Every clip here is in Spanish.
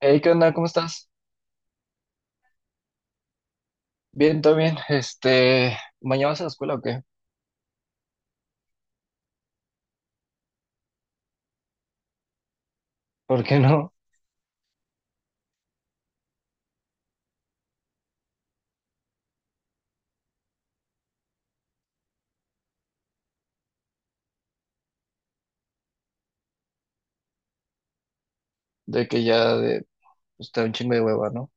Hey, ¿qué onda? ¿Cómo estás? Bien, todo bien. ¿Mañana vas a la escuela o qué? ¿Por qué no? De que ya de, está un chingo de hueva, ¿no?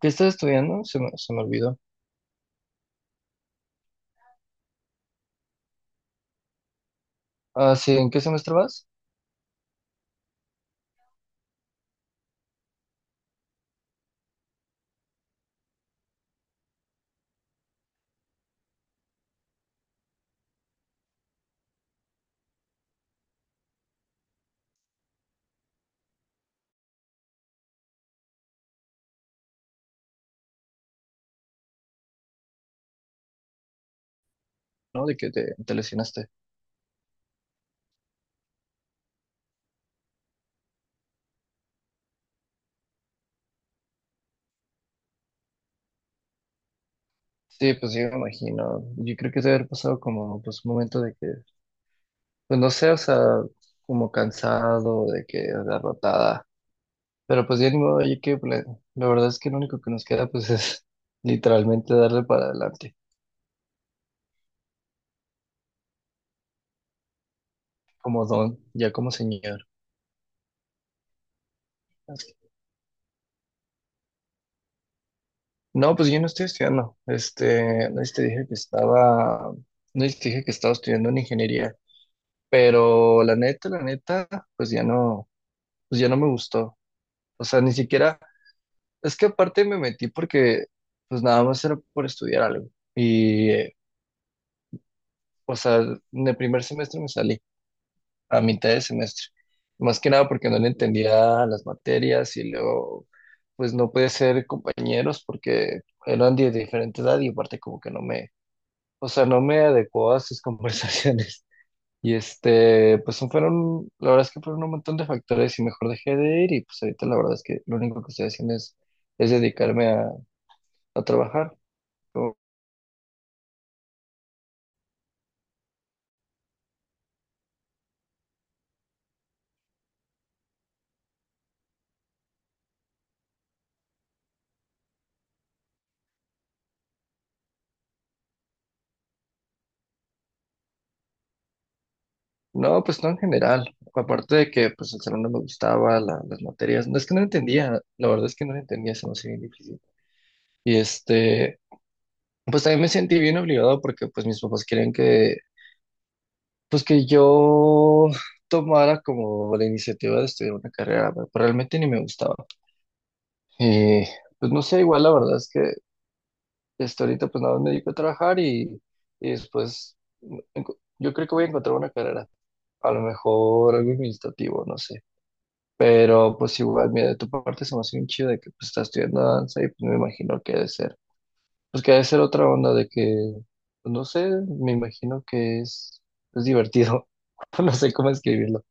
¿Qué estás estudiando? Se me olvidó. Ah, sí, ¿en qué semestre vas? ¿No? Te lesionaste. Sí, pues sí, me imagino. Yo creo que debe haber pasado como, pues, un momento de que, pues, no sé, o sea, como cansado, de que derrotada. Pero pues ya ni modo, la verdad es que lo único que nos queda, pues, es literalmente darle para adelante, como don, ya como señor. No, pues yo no estoy estudiando. No sé si te dije que estaba estudiando en ingeniería, pero la neta, pues ya no, pues ya no me gustó. O sea, ni siquiera, es que aparte me metí porque pues nada más era por estudiar algo. Y, eh, o sea, en el primer semestre me salí, a mitad de semestre. Más que nada porque no le entendía las materias y luego pues no pude ser compañeros porque eran de diferente edad y aparte como que no me, o sea, no me adecuó a sus conversaciones. Y pues fueron, la verdad es que fueron un montón de factores y mejor dejé de ir, y pues ahorita la verdad es que lo único que estoy haciendo es dedicarme a trabajar. Como... No, pues no en general. Aparte de que pues el salón no me gustaba, las materias, no es que no entendía, la verdad es que no entendía, se me hacía bien difícil. Y pues también me sentí bien obligado porque pues mis papás querían que, pues que yo tomara como la iniciativa de estudiar una carrera, pero realmente ni me gustaba. Y pues no sé, igual la verdad es que hasta ahorita pues nada más me dedico a trabajar y después yo creo que voy a encontrar una carrera, a lo mejor algo administrativo, no sé. Pero pues igual, mira, de tu parte se me hace bien chido de que pues estás estudiando danza, y pues me imagino que debe ser, pues que debe ser otra onda de que, pues, no sé, me imagino que es divertido, no sé cómo escribirlo.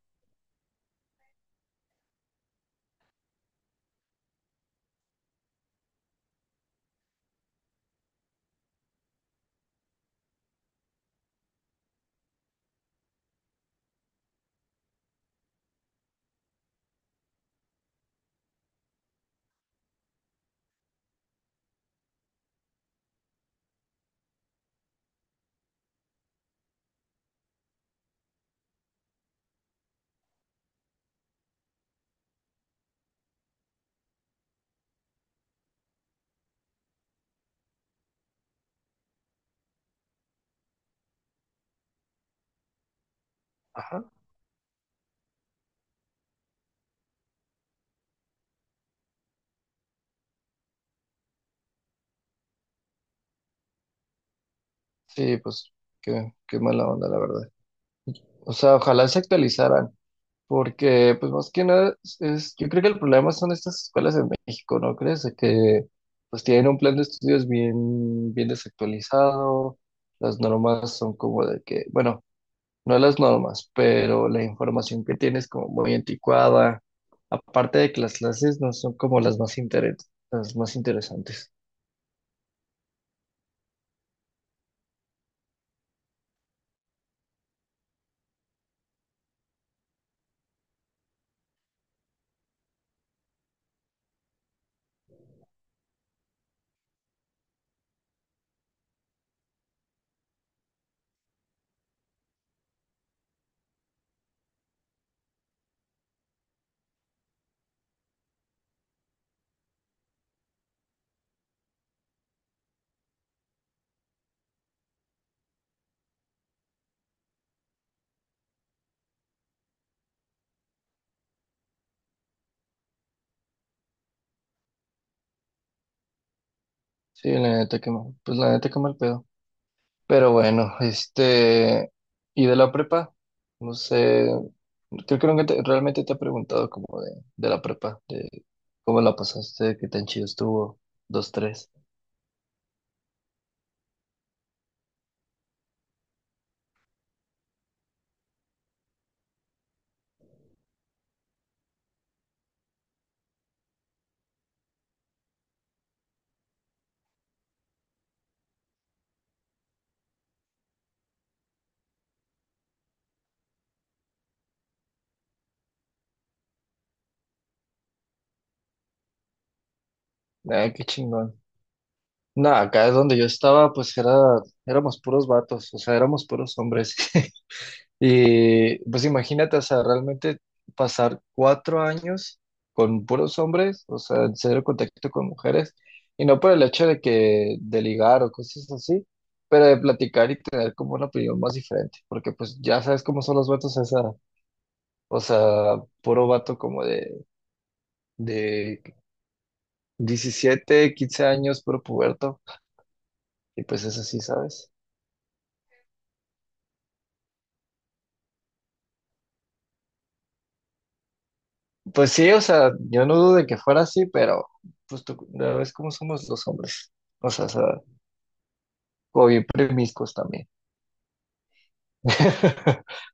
Sí, pues qué, qué mala onda, la verdad. O sea, ojalá se actualizaran, porque pues más que nada, es, yo creo que el problema son estas escuelas en México, ¿no crees? De que pues tienen un plan de estudios bien, bien desactualizado, las normas son como de que, bueno, no las normas, pero la información que tienes como muy anticuada, aparte de que las clases no son como las más las más interesantes. Sí, la neta que mal, pues la neta que mal pedo. Pero bueno, y de la prepa, no sé, creo que nunca realmente te he preguntado como de la prepa, de cómo la pasaste, qué tan chido estuvo, dos, tres. Ah, qué chingón. Nada, acá es donde yo estaba, pues era, éramos puros vatos, o sea, éramos puros hombres. Y pues imagínate, o sea, realmente pasar 4 años con puros hombres, o sea, en cero contacto con mujeres, y no por el hecho de que de ligar o cosas así, pero de platicar y tener como una opinión más diferente, porque pues ya sabes cómo son los vatos a esa edad. O sea, puro vato como de 17 15 años, puro puberto, y pues es así, ¿sabes? Pues sí, o sea, yo no dudo de que fuera así, pero pues tú, ya ves cómo somos los hombres. O sea, o bien premiscos también.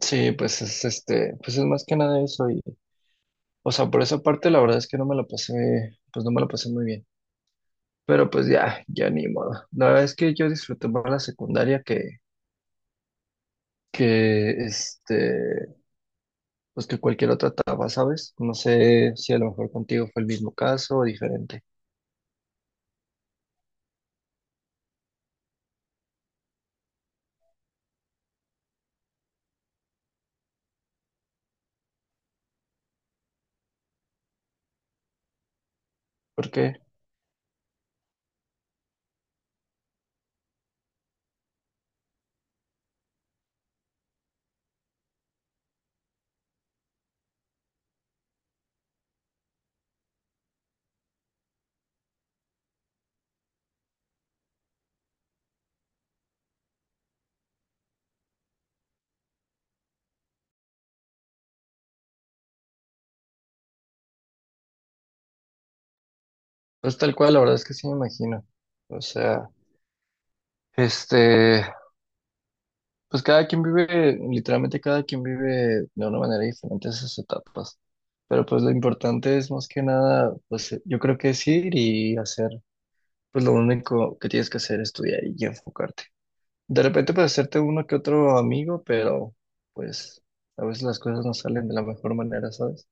Sí, pues es pues es más que nada eso y, o sea, por esa parte la verdad es que no me la pasé, pues no me la pasé muy bien. Pero pues ya, ya ni modo. La verdad es que yo disfruté más la secundaria que, que este, pues que cualquier otra etapa, ¿sabes? No sé si a lo mejor contigo fue el mismo caso o diferente. Porque, pues tal cual, la verdad es que sí me imagino. O sea, este, Pues cada quien vive, literalmente cada quien vive de una manera diferente esas etapas. Pero pues lo importante es más que nada, pues yo creo que es ir y hacer, pues lo único que tienes que hacer es estudiar y enfocarte. De repente puedes hacerte uno que otro amigo, pero pues a veces las cosas no salen de la mejor manera, ¿sabes?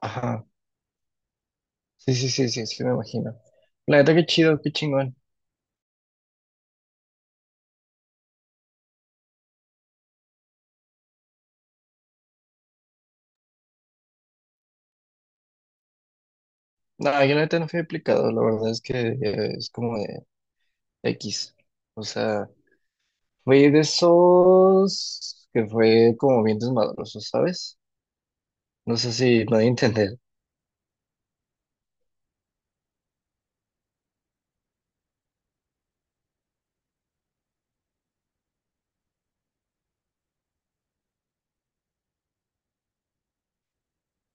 Ajá. Sí, sí, sí, sí, sí, me imagino. La neta, qué chido, qué chingón. No, yo la neta no fui aplicado, la verdad es que es como de X. O sea... Fue de esos que fue como bien desmadroso, ¿sabes? No sé si me voy a entender.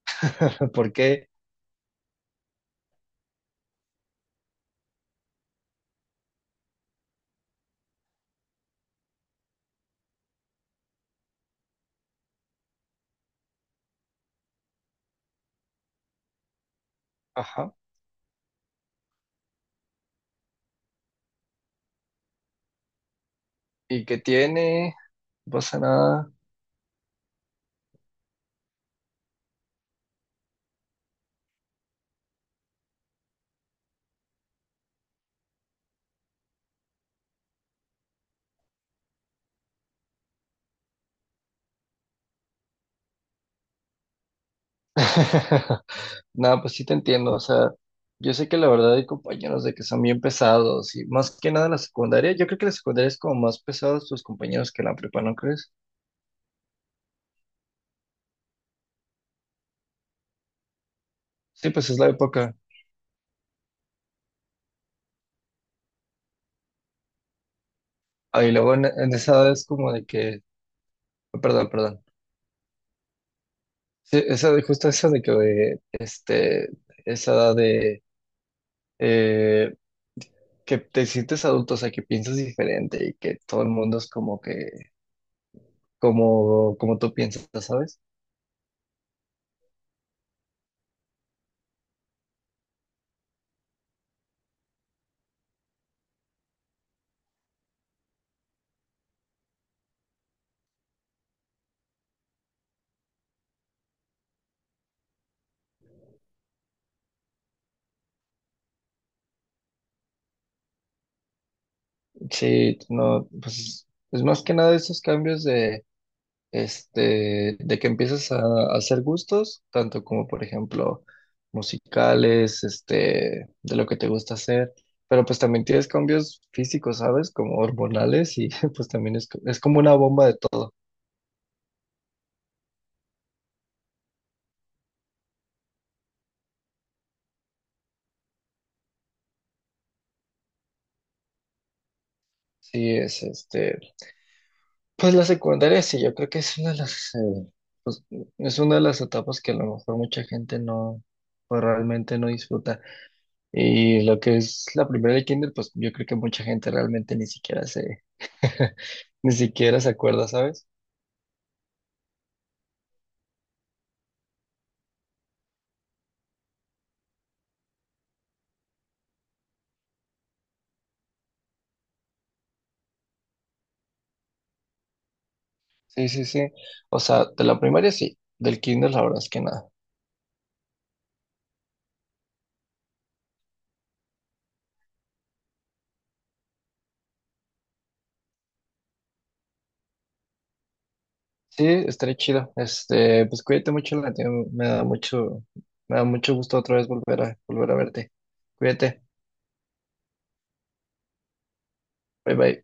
¿Por qué? Ajá. ¿Y qué tiene? No pasa nada. Nada, pues sí te entiendo. O sea, yo sé que la verdad hay compañeros de que son bien pesados y más que nada la secundaria. Yo creo que la secundaria es como más pesados tus compañeros que la prepa, ¿no crees? Sí, pues es la época. Ah, y luego en esa edad es como de que, perdón, perdón. Sí, esa, justo eso de que, eh, este, esa edad de, eh, que te sientes adulto, o sea, que piensas diferente y que todo el mundo es como que, como, como tú piensas, ¿sabes? Sí, no, pues es más que nada esos cambios de, de que empiezas a hacer gustos, tanto como, por ejemplo, musicales, de lo que te gusta hacer. Pero pues también tienes cambios físicos, ¿sabes? Como hormonales. Y pues también es, es como una bomba de todo. Sí, es Pues la secundaria sí, yo creo que es una de las, pues, es una de las etapas que a lo mejor mucha gente no, pues, realmente no disfruta. Y lo que es la primera de kinder, pues yo creo que mucha gente realmente ni siquiera se, ni siquiera se acuerda, ¿sabes? Sí, sí, sí. O sea, de la primaria sí, del kinder la verdad es que nada. Sí, estaré chido. Pues cuídate mucho, Latino. Me da mucho gusto otra vez volver a, volver a verte. Cuídate. Bye bye.